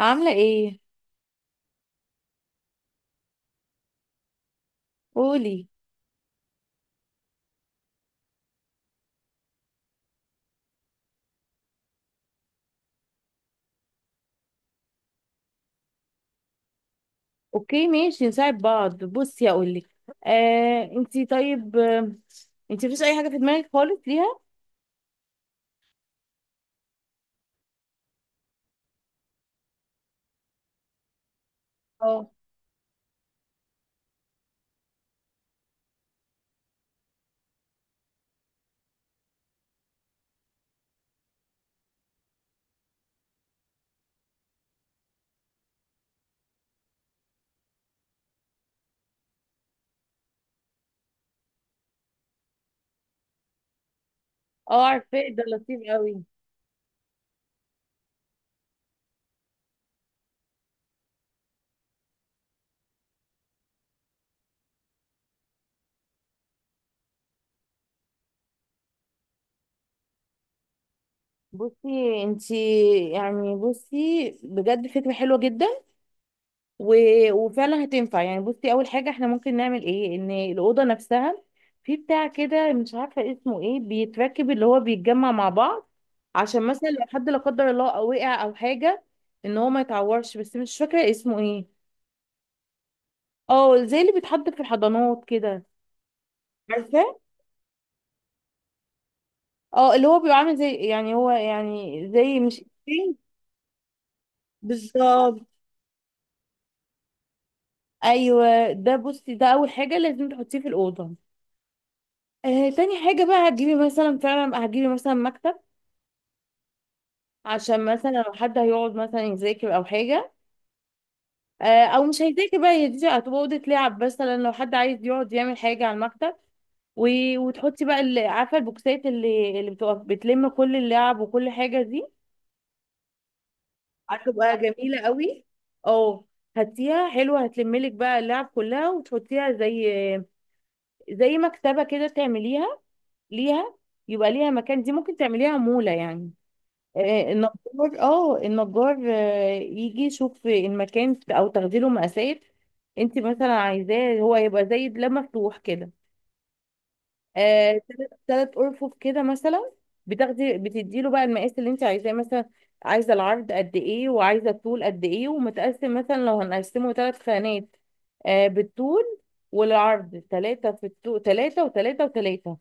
عاملة ايه؟ قولي. اوكي ماشي، نساعد بعض. بصي اقولك، آه انتي طيب. انتي مفيش اي حاجة في دماغك خالص ليها؟ اه اه، عارفاه ده لطيف قوي. بصي انتي، يعني بصي بجد فكرة حلوة جدا، و... وفعلا هتنفع. يعني بصي، اول حاجه احنا ممكن نعمل ايه، ان الاوضه نفسها في بتاع كده مش عارفه اسمه ايه بيتركب، اللي هو بيتجمع مع بعض، عشان مثلا لو حد لا قدر الله او وقع او حاجه ان هو ما يتعورش، بس مش فاكره اسمه ايه. اه زي اللي بيتحط في الحضانات كده. عارفه. اه اللي هو بيبقى عامل زي، يعني هو يعني زي مش إيه؟ بالظبط. ايوه ده، بصي ده اول حاجه لازم تحطيه في الاوضه. آه تاني حاجه بقى، هتجيبي مثلا، فعلا هتجيبي مثلا مكتب، عشان مثلا لو حد هيقعد مثلا يذاكر او حاجه. او مش هيذاكر بقى، هي دي هتبقى اوضه لعب، مثلا لو حد عايز يقعد يعمل حاجه على المكتب. و... وتحطي بقى اللي عارفه البوكسات، اللي بتبقى بتلم كل اللعب وكل حاجه دي. هتبقى جميله قوي. اه هاتيها حلوه، هتلملك بقى اللعب كلها وتحطيها زي زي مكتبه كده تعمليها ليها، يبقى ليها مكان. دي ممكن تعمليها مولة يعني، النجار، اه النجار يجي يشوف المكان او تاخدي له مقاسات. انت مثلا عايزاه هو يبقى زي ده مفتوح كده، آه تلات ارفف كده مثلا. بتدي له بقى المقاس اللي انت عايزاه، مثلا عايزه العرض قد ايه وعايزه الطول قد ايه، ومتقسم مثلا لو هنقسمه ثلاث خانات، آه بالطول والعرض، ثلاثة في الطول، ثلاثة وثلاثة وثلاثة.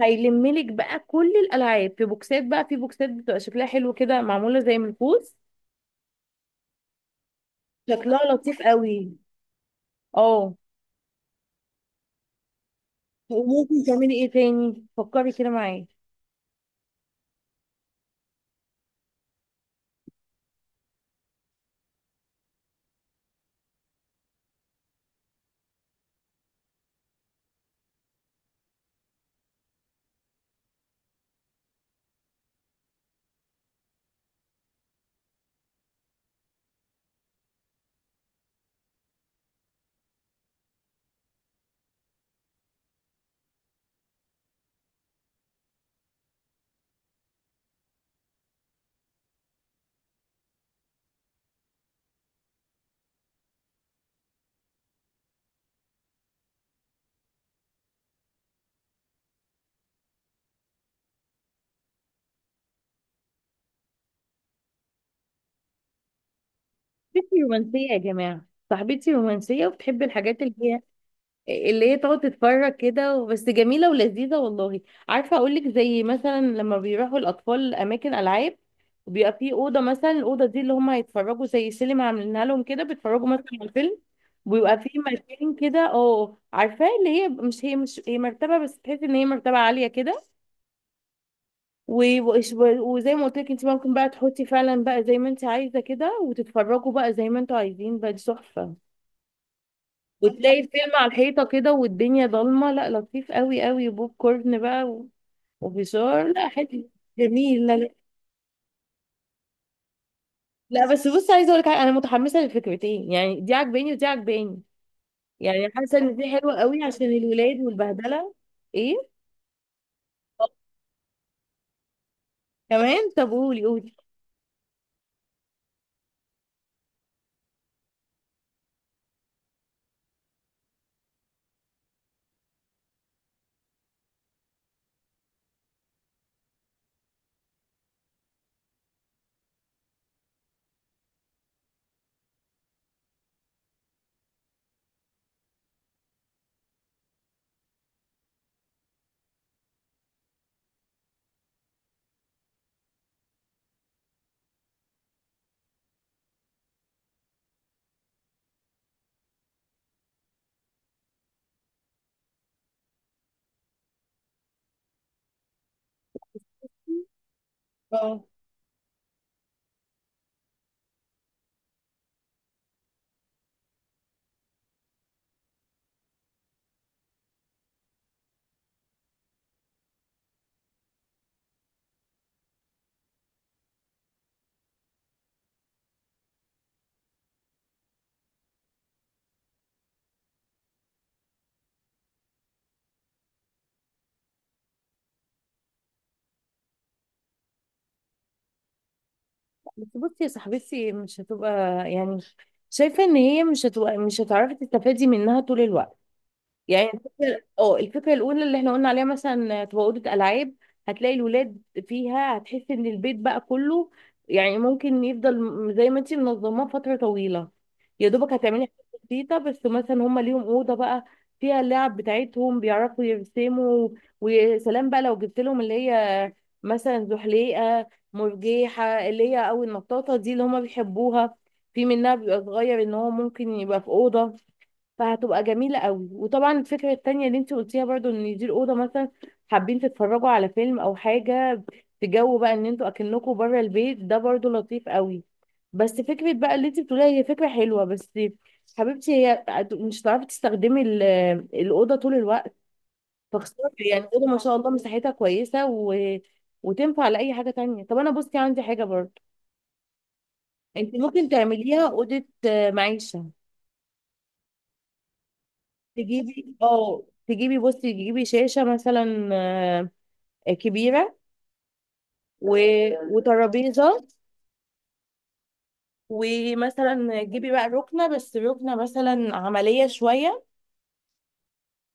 هيلملك بقى كل الالعاب في بوكسات، بقى في بوكسات بتبقى شكلها حلو كده، معموله زي من الفوز. شكلها لطيف قوي. اه وممكن تعملي ايه تاني، فكري كده معايا. صاحبتي رومانسيه يا جماعه، صاحبتي رومانسيه وبتحب الحاجات اللي هي اللي هي تقعد تتفرج كده، بس جميلة ولذيذة والله. عارفة أقولك، زي مثلا لما بيروحوا الأطفال أماكن ألعاب بيبقى في أوضة، مثلا الأوضة دي اللي هم هيتفرجوا، زي سينما عاملينها لهم كده، بيتفرجوا مثلا على الفيلم، ويبقى في مكان كده اه عارفاه، اللي هي مش هي مرتبة، بس تحسي إن هي مرتبة عالية كده. و- وإش- وزي ما قلت لك، انت ممكن بقى تحطي فعلا بقى زي ما انت عايزة كده، وتتفرجوا بقى زي ما انتوا عايزين، بقى دي تحفة. وتلاقي الفيلم على الحيطة كده والدنيا ضلمة، لا لطيف قوي قوي، وبوب كورن بقى وفشار، لا حلو، جميل، لا لا. لا بس بص، عايزة اقول لك حاجة، انا متحمسة للفكرتين، يعني دي عجباني ودي عجباني. يعني حاسة ان دي حلوة قوي عشان الولاد والبهدلة. ايه؟ كمان؟ طب قولي قولي. اه بس بصي يا صاحبتي، مش هتبقى، يعني شايفة ان هي مش هتبقى، مش هتعرفي تستفادي منها طول الوقت. يعني الفكرة، اه الفكرة الأولى اللي احنا قلنا عليها مثلا تبقى أوضة ألعاب، هتلاقي الولاد فيها، هتحس إن البيت بقى كله، يعني ممكن يفضل زي ما انتي منظماه فترة طويلة. يا دوبك هتعملي حاجات بسيطة، بس مثلا هما ليهم أوضة بقى فيها اللعب بتاعتهم، بيعرفوا يرسموا، ويا سلام بقى لو جبت لهم اللي هي مثلا زحليقة، مرجيحة، اللي هي أو النطاطة دي اللي هما بيحبوها، في منها بيبقى صغير إن هو ممكن يبقى في أوضة. فهتبقى جميلة قوي. وطبعا الفكرة التانية اللي انت قلتيها برضو، ان دي الأوضة مثلا حابين تتفرجوا على فيلم أو حاجة، في جو بقى ان انتوا أكنكوا بره البيت، ده برضو لطيف قوي. بس فكرة بقى اللي انت بتقوليها هي فكرة حلوة، بس حبيبتي هي مش هتعرفي تستخدمي الأوضة طول الوقت، فخسارة يعني. الأوضة ما شاء الله مساحتها كويسة، وتنفع لأي حاجة تانية. طب أنا بصي عندي حاجة برضو، انت ممكن تعمليها أوضة معيشة. تجيبي، اه تجيبي، بصي تجيبي شاشة مثلا آه كبيرة، و... وترابيزة، ومثلا تجيبي بقى ركنة، بس ركنة مثلا عملية شوية.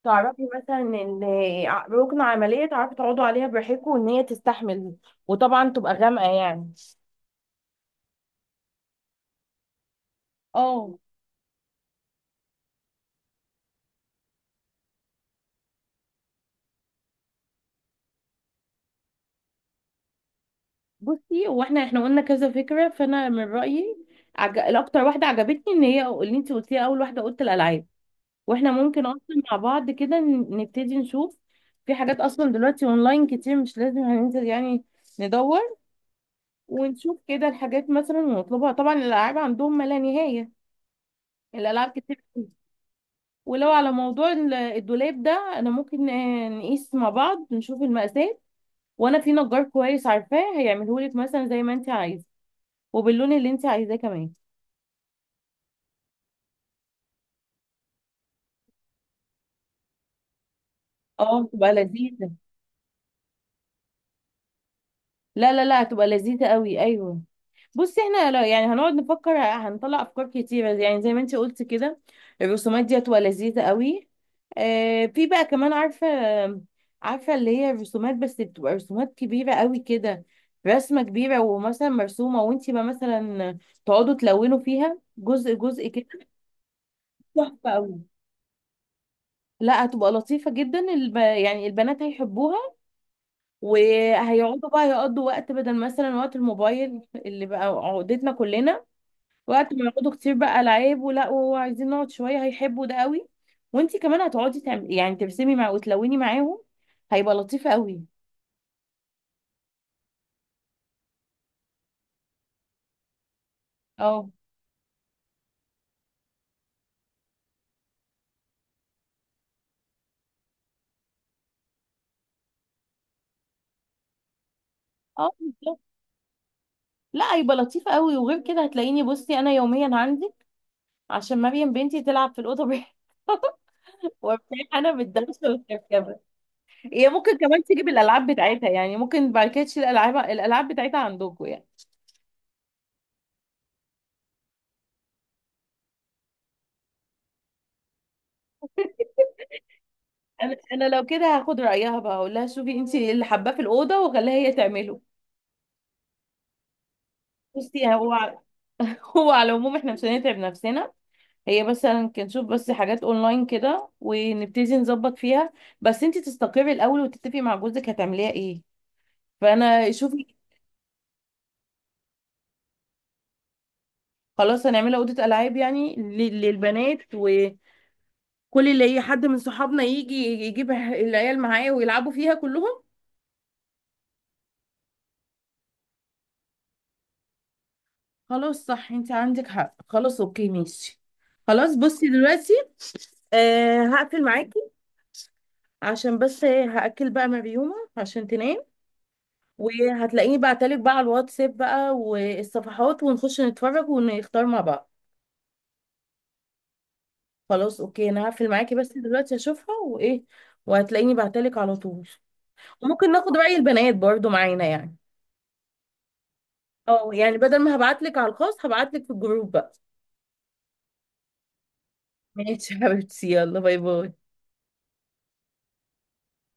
تعرفي مثلا ان، ركنة عملية تعرفي تقعدوا عليها براحتكم، وان هي تستحمل، وطبعا تبقى غامقة يعني. اه بصي، احنا قلنا كذا فكرة، فانا من رأيي الاكتر واحدة عجبتني ان هي اللي انت قلتيها اول واحدة، قلت الالعاب. واحنا ممكن اصلا مع بعض كده نبتدي نشوف، في حاجات اصلا دلوقتي اونلاين كتير، مش لازم هننزل يعني، ندور ونشوف كده الحاجات مثلا ونطلبها. طبعا الالعاب عندهم ما لا نهاية، الالعاب كتير أوي. ولو على موضوع الدولاب ده، انا ممكن نقيس مع بعض، نشوف المقاسات، وانا في نجار كويس عارفاه هيعمله لك مثلا زي ما انت عايزه، وباللون اللي انت عايزاه كمان. اه تبقى لذيذة، لا هتبقى لذيذة قوي، ايوه. بصي احنا يعني هنقعد نفكر هنطلع افكار كتيره، يعني زي ما انت قلت كده الرسومات دي هتبقى لذيذه قوي. آه في بقى كمان عارفه اللي هي الرسومات، بس بتبقى رسومات كبيره قوي كده، رسمه كبيره ومثلا مرسومه، وانت بقى مثلا تقعدوا تلونوا فيها جزء جزء كده. تحفه قوي، لا هتبقى لطيفه جدا. يعني البنات هيحبوها، وهيقعدوا بقى يقضوا وقت، بدل مثلا وقت الموبايل اللي بقى عقدتنا كلنا. وقت ما يقعدوا كتير بقى، العاب ولا وهو عايزين نقعد شويه، هيحبوا ده قوي. وانتي كمان هتقعدي تعملي، يعني ترسمي مع وتلوني معاهم، هيبقى لطيف قوي. اه اه بالظبط. لا هيبقى لطيف قوي. وغير كده هتلاقيني بصي انا يوميا عندي، عشان مريم بنتي تلعب في الاوضه بيها. وابتدي انا بالدرس والكركبه. هي ممكن كمان تيجي بالالعاب بتاعتها يعني، ممكن بعد كده تشيل الالعاب، الالعاب بتاعتها عندكم يعني. انا لو كده هاخد رايها بقى، اقول لها شوفي انت اللي حباه في الاوضه وخليها هي تعمله. بصي هو، هو على العموم احنا مش هنتعب نفسنا، هي بس هنشوف بس حاجات اونلاين كده ونبتدي نظبط فيها، بس انتي تستقري الاول وتتفقي مع جوزك هتعمليها ايه، فانا شوفي. خلاص هنعملها اوضه العاب يعني للبنات، وكل اللي هي حد من صحابنا يجي يجيب العيال معاه ويلعبوا فيها كلهم. خلاص صح، انتي عندك حق، خلاص اوكي ماشي. خلاص بصي دلوقتي آه هقفل معاكي، عشان بس إيه، هأكل بقى مريومة عشان تنام. وهتلاقيني بعتلك بقى على الواتساب بقى والصفحات، ونخش نتفرج ونختار مع بعض. خلاص اوكي، انا هقفل معاكي بس دلوقتي اشوفها وايه. وهتلاقيني بعتلك على طول. وممكن ناخد رأي البنات برضو معانا يعني. اه يعني بدل ما هبعتلك على الخاص هبعتلك في الجروب بقى. ماشي يا حبيبتي، يلا باي باي.